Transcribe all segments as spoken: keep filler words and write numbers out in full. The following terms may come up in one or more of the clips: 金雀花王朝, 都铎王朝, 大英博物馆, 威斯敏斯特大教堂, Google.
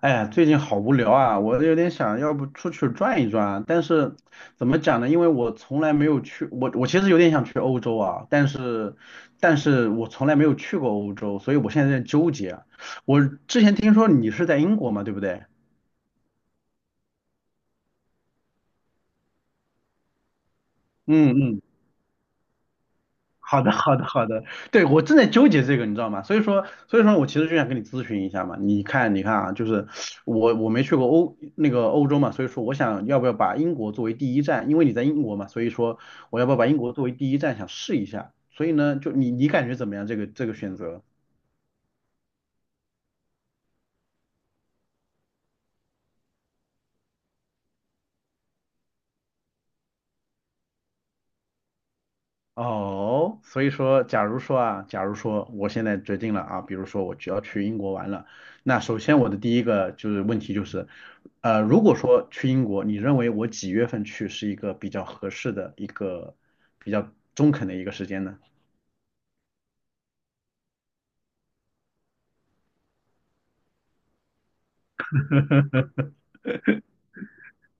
哎，最近好无聊啊，我有点想要不出去转一转啊，但是怎么讲呢？因为我从来没有去，我我其实有点想去欧洲啊，但是但是我从来没有去过欧洲，所以我现在在纠结啊。我之前听说你是在英国嘛，对不对？嗯嗯。好的，好的，好的，对，我正在纠结这个，你知道吗？所以说，所以说我其实就想跟你咨询一下嘛。你看，你看啊，就是我我没去过欧那个欧洲嘛，所以说我想要不要把英国作为第一站，因为你在英国嘛，所以说我要不要把英国作为第一站想试一下。所以呢，就你你感觉怎么样？这个这个选择？哦，所以说，假如说啊，假如说我现在决定了啊，比如说我只要去英国玩了，那首先我的第一个就是问题就是，呃，如果说去英国，你认为我几月份去是一个比较合适的一个比较中肯的一个时间呢？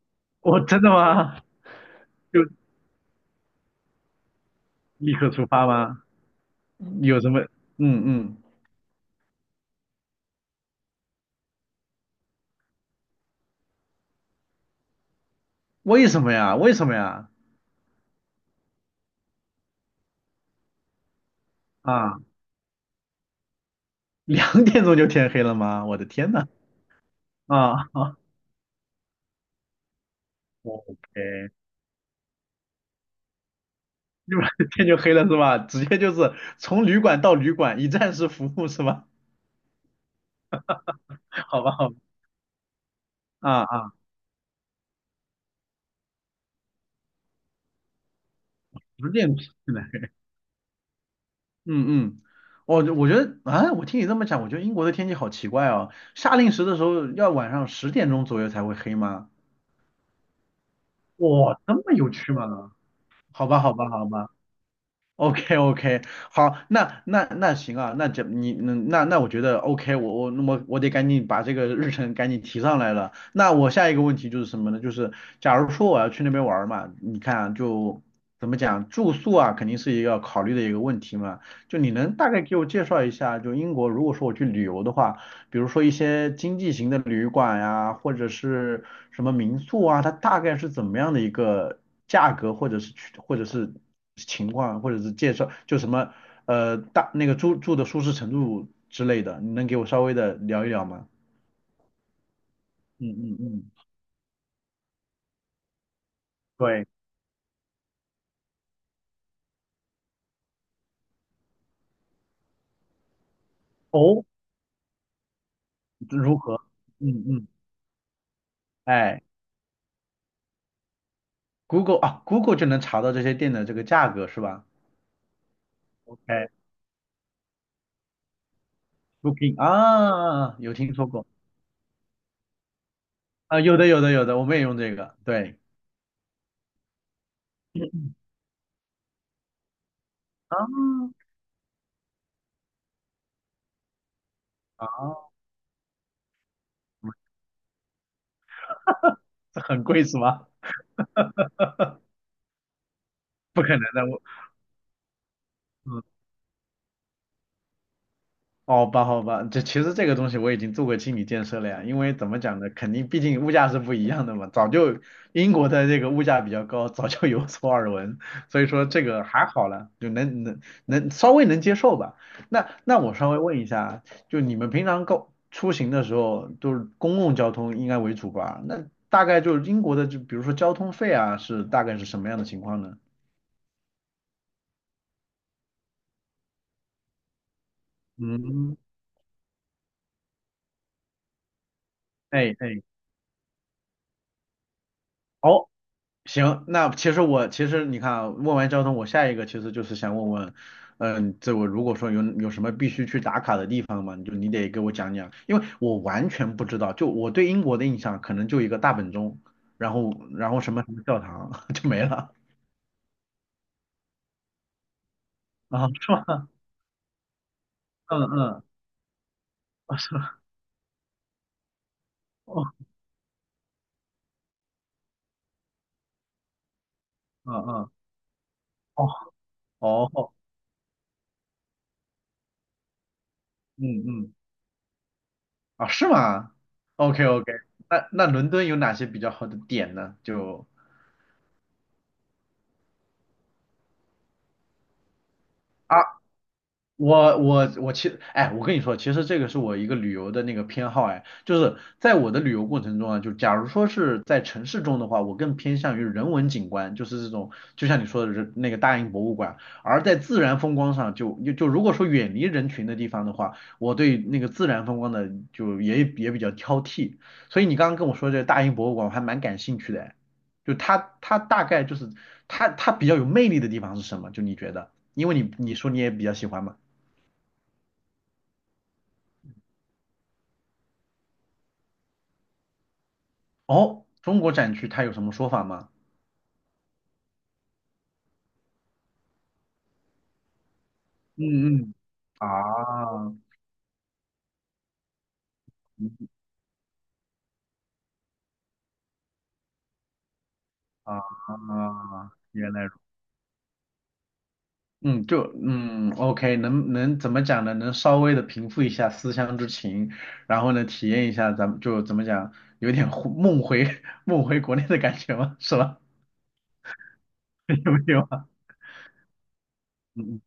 哦，真的吗？就立刻出发吗？有什么嗯嗯，为什么呀？为什么呀？啊两点钟就天黑了吗？我的天呐啊？，OK，立马天就黑了是吧？直接就是从旅馆到旅馆，一站式服务是吧？好吧，好吧，啊啊，十点这样嗯嗯，我我觉得啊，我听你这么讲，我觉得英国的天气好奇怪哦。夏令时的时候要晚上十点钟左右才会黑吗？哇，这么有趣吗？好吧，好吧，好吧。OK OK，好，那那那行啊，那这你嗯那那我觉得 OK，我我那么我得赶紧把这个日程赶紧提上来了。那我下一个问题就是什么呢？就是假如说我要去那边玩儿嘛，你看啊就怎么讲，住宿啊肯定是一个要考虑的一个问题嘛。就你能大概给我介绍一下，就英国如果说我去旅游的话，比如说一些经济型的旅馆呀、或者是什么民宿啊，它大概是怎么样的一个价格，或者是去或者是情况，或者是介绍，就什么呃大那个住住的舒适程度之类的，你能给我稍微的聊一聊吗？嗯嗯嗯，对，哦，如何？嗯嗯，哎，Google 啊，Google 就能查到这些店的这个价格是吧？OK，Booking 啊，有听说过啊，有的有的有的，我们也用这个，对，啊啊，这很贵是吗？不可能的，我。嗯。好吧，好吧，这其实这个东西我已经做过心理建设了呀，因为怎么讲呢，肯定毕竟物价是不一样的嘛，早就英国的这个物价比较高，早就有所耳闻，所以说这个还好了，就能能能稍微能接受吧。那那我稍微问一下，就你们平常购出行的时候都是公共交通应该为主吧？那大概就是英国的，就比如说交通费啊，是大概是什么样的情况呢？嗯，哎哎，哦行，那其实我其实你看啊问完交通，我下一个其实就是想问问，嗯，这我如果说有有什么必须去打卡的地方嘛，你就你得给我讲讲，因为我完全不知道，就我对英国的印象可能就一个大本钟，然后然后什么什么教堂 就没了啊，是吗？嗯嗯，啊是吗？哦，嗯嗯，哦哦，嗯嗯，啊是吗？OK OK，那那伦敦有哪些比较好的点呢？就我我我其实，哎，我跟你说，其实这个是我一个旅游的那个偏好，哎，就是在我的旅游过程中啊，就假如说是在城市中的话，我更偏向于人文景观，就是这种，就像你说的人那个大英博物馆，而在自然风光上就，就就如果说远离人群的地方的话，我对那个自然风光的就也也比较挑剔，所以你刚刚跟我说这个大英博物馆，我还蛮感兴趣的，哎，就它它大概就是它它比较有魅力的地方是什么？就你觉得，因为你你说你也比较喜欢嘛。哦，中国展区它有什么说法吗？嗯嗯啊啊，原来如嗯，就嗯，OK，能能怎么讲呢？能稍微的平复一下思乡之情，然后呢，体验一下咱们就怎么讲，有点回梦回 梦回国内的感觉吗？是吧？有没有啊？嗯嗯，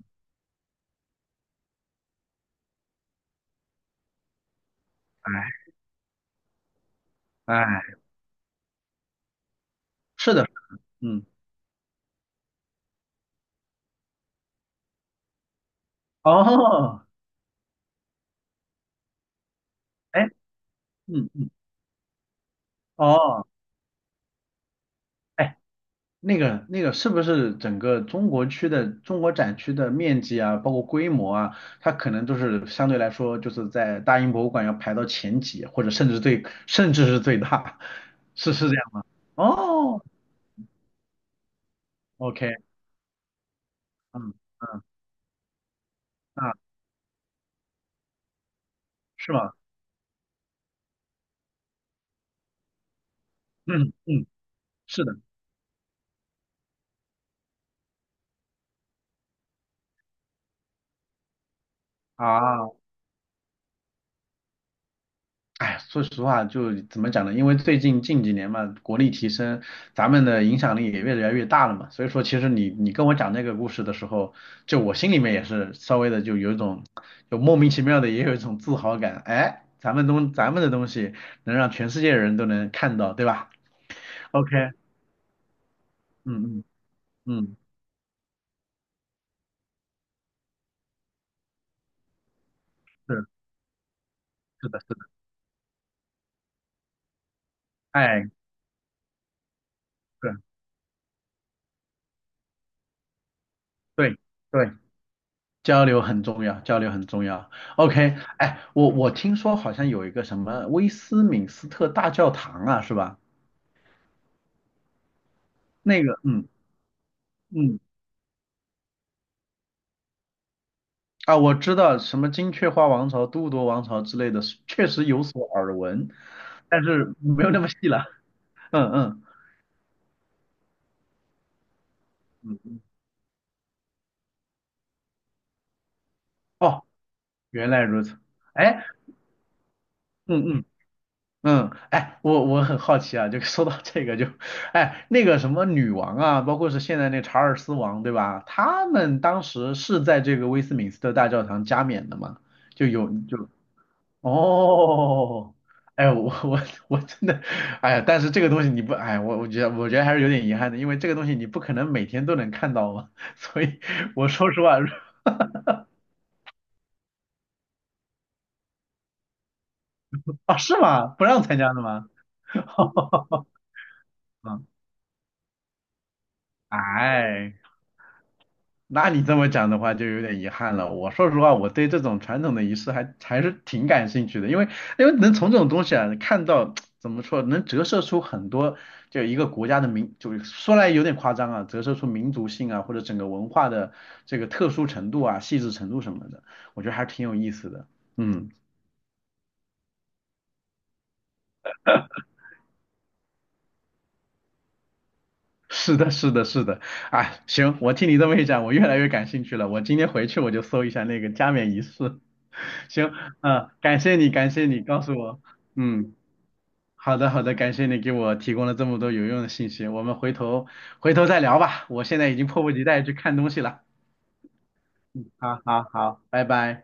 哎哎，是的，嗯，哦，哎，嗯嗯，哦。哎那个那个是不是整个中国区的中国展区的面积啊，包括规模啊，它可能都是相对来说就是在大英博物馆要排到前几，或者甚至最甚至是最大，是是这样。哦，OK，嗯嗯啊，是吗？嗯嗯，是的啊。哎，说实话，就怎么讲呢？因为最近近几年嘛，国力提升，咱们的影响力也越来越大了嘛。所以说，其实你你跟我讲那个故事的时候，就我心里面也是稍微的就有一种，就莫名其妙的也有一种自豪感。哎，咱们东咱们的东西能让全世界的人都能看到，对吧？OK，嗯嗯嗯，是是的是的，哎，对对对。交流很重要，交流很重要。OK，哎，我我听说好像有一个什么威斯敏斯特大教堂啊，是吧？那个，嗯嗯，啊，我知道什么金雀花王朝、都铎王朝之类的，确实有所耳闻，但是没有那么细了。嗯嗯嗯，嗯哦，原来如此。哎，嗯嗯嗯，哎，我我很好奇啊，就 说到这个就，哎，那个什么女王啊，包括是现在那查尔斯王，对吧？他们当时是在这个威斯敏斯特大教堂加冕的嘛？就有就哦，哎，我我我真的，哎呀，但是这个东西你不，哎，我我觉得我觉得还是有点遗憾的，因为这个东西你不可能每天都能看到嘛，所以我说实话，啊，是吗？不让参加的吗？嗯，哎。那你这么讲的话，就有点遗憾了。我说实话，我对这种传统的仪式还还是挺感兴趣的，因为因为能从这种东西啊看到 怎么说，能折射出很多就一个国家的民，就是说来有点夸张啊，折射出民族性啊或者整个文化的这个特殊程度啊、细致程度什么的，我觉得还挺有意思的。嗯，是的，是的，是的。啊，行，我听你这么一讲，我越来越感兴趣了。我今天回去我就搜一下那个加冕仪式。行，嗯、感谢你，感谢你，告诉我。嗯。好的，好的，感谢你给我提供了这么多有用的信息，我们回头回头再聊吧，我现在已经迫不及待去看东西了。好好好，拜拜。